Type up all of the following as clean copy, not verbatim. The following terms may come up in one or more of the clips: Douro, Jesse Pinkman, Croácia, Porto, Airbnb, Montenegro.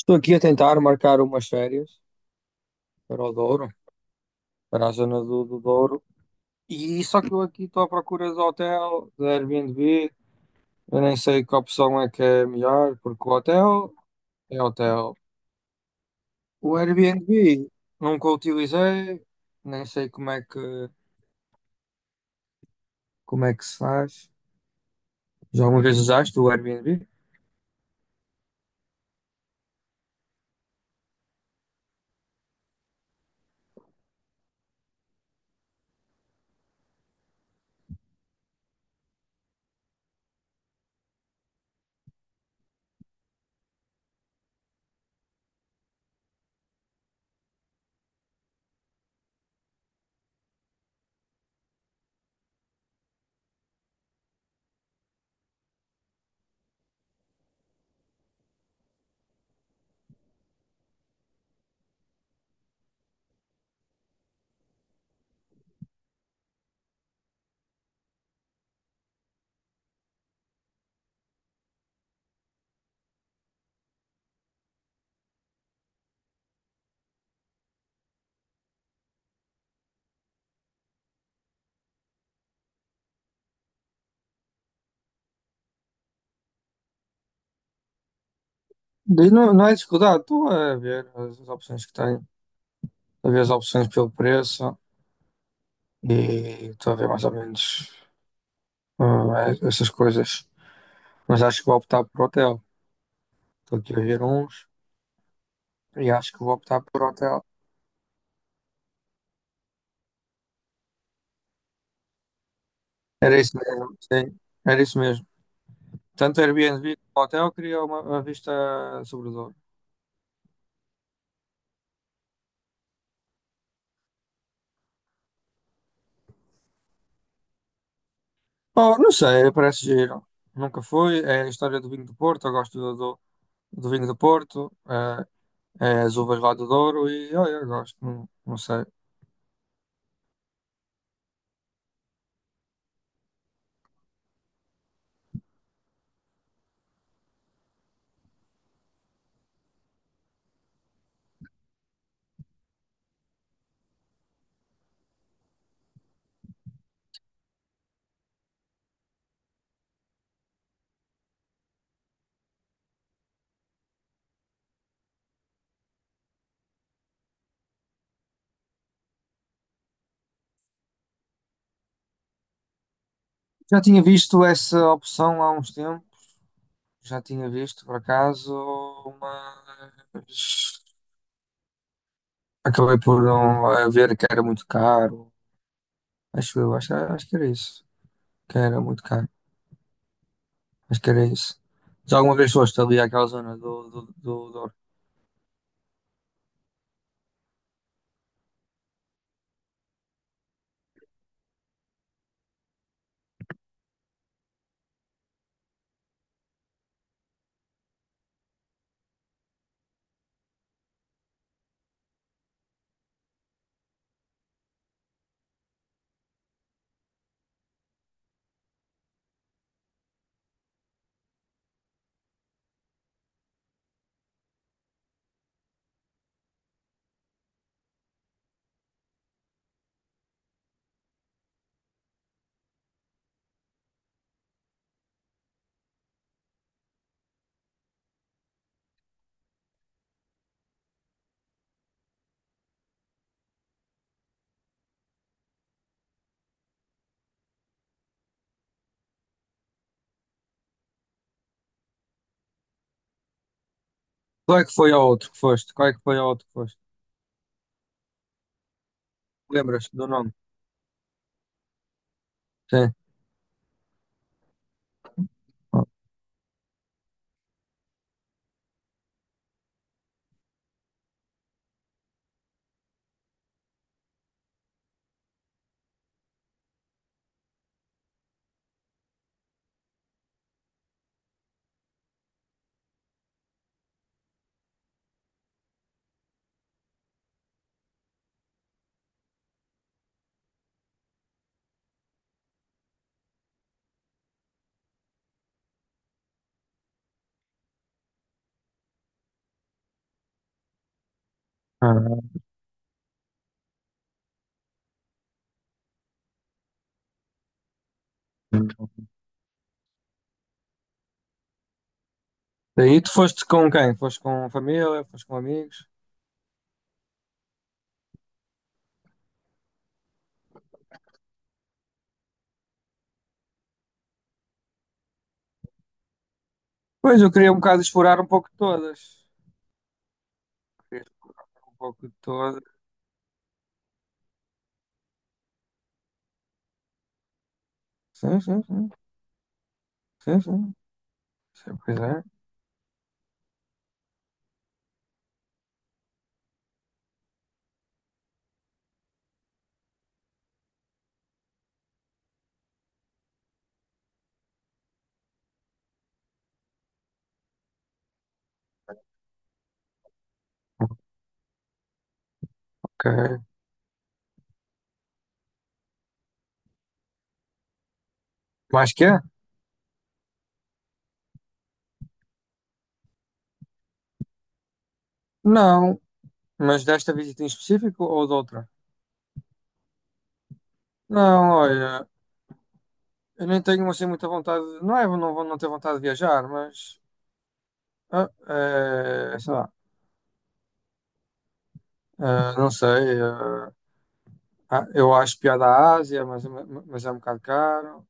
Estou aqui a tentar marcar umas férias para o Douro, para a zona do Douro. E só que eu aqui estou à procura de hotel, de Airbnb. Eu nem sei que opção é que é melhor, porque o hotel é hotel. O Airbnb nunca utilizei, nem sei como é que se faz. Já alguma vez usaste o Airbnb? Daí Não, não é dificuldade, estou a ver as opções que tenho, a ver as opções pelo preço e estou a ver mais ou menos essas coisas. Mas acho que vou optar por hotel. Estou aqui a ver uns e acho que vou optar por hotel. Era isso mesmo, sim. Era isso mesmo. Tanto Airbnb como hotel queria uma vista sobre o Douro. Oh, não sei, parece giro. Nunca fui. É a história do vinho do Porto. Eu gosto do vinho do Porto. É, é as uvas lá do Douro e olha, eu gosto. Não, não sei. Já tinha visto essa opção há uns tempos. Já tinha visto, por acaso, mas acabei por não ver que era muito caro. Acho eu, acho, acho que era isso. Que era muito caro. Acho que era isso. Já alguma vez foste ali àquela zona do Douro? Qual é que foi ao outro que foste? Qual é que foi ao outro que foste? Lembras do nome? Sim. Ah. Daí Tu foste com quem? Foste com família? Foste com amigos? Pois, eu queria um bocado explorar um pouco de todas. Queria explorar um pouco de todas. Sim, sim, sim. Sim, sim. Sim, pois é. Ok. Mais que é? Não. Mas desta visita em específico ou de outra? Não, olha. Eu nem tenho assim muita vontade, não é, não vou não ter vontade de viajar, mas sei lá, não sei, ah, eu acho piada à Ásia, mas é um bocado caro.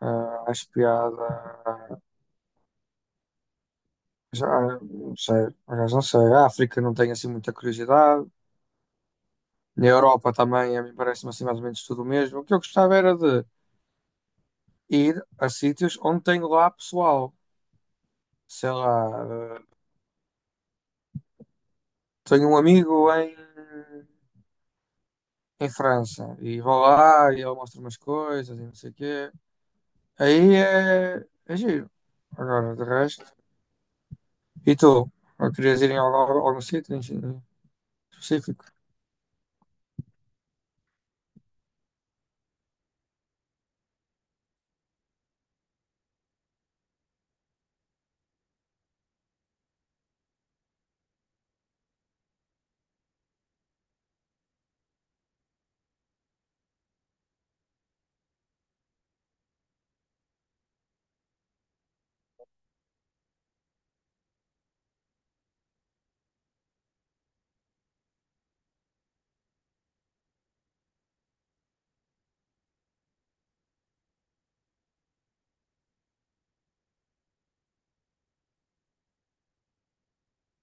Ah, acho piada, já, não sei, por acaso não sei, a África não tenho assim muita curiosidade, na Europa também, a mim parece-me assim mais ou menos tudo o mesmo. O que eu gostava era de ir a sítios onde tenho lá pessoal, sei lá, ah, tenho um amigo em França. E vou lá e ele mostra umas coisas e não sei o quê. Aí é, é giro. Agora, de resto. E tu? Ou querias ir em algum, algum sítio em específico?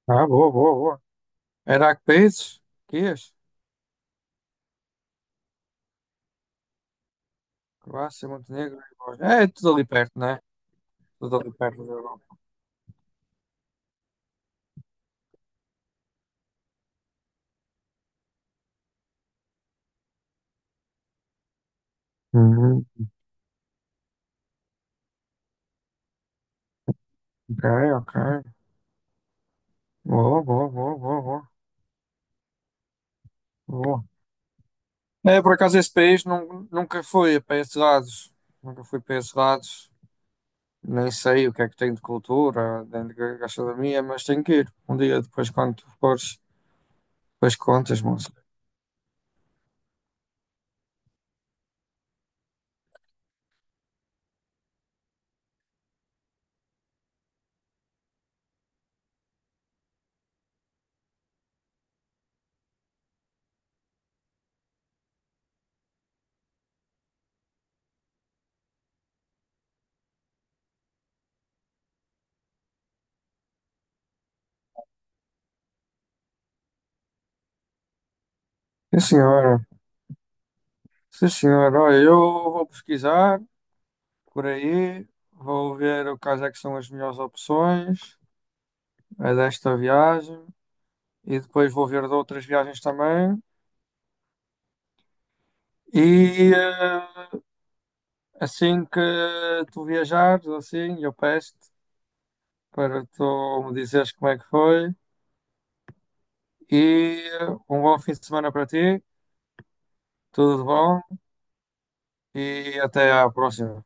Ah, boa, boa, boa. Era a que países? Que ias? Croácia, Montenegro. É tudo ali perto, né? Tudo ali perto da Europa. Uhum. Ok, ok. Boa, boa, boa, boa, boa. Boa. É, por acaso esse país nun- nunca fui para esses lados. Nunca fui para esses lados. Nem sei o que é que tem de cultura dentro da gastronomia, mas tenho que ir. Um dia depois, quando tu fores, depois contas, moça. Sim, senhora. Sim, senhora. Olha, eu vou pesquisar por aí, vou ver o quais é que são as melhores opções a desta viagem e depois vou ver de outras viagens também. E assim que tu viajares, assim, eu peço-te para tu me dizeres como é que foi. E um bom fim de semana para ti. Tudo de bom. E até a próxima.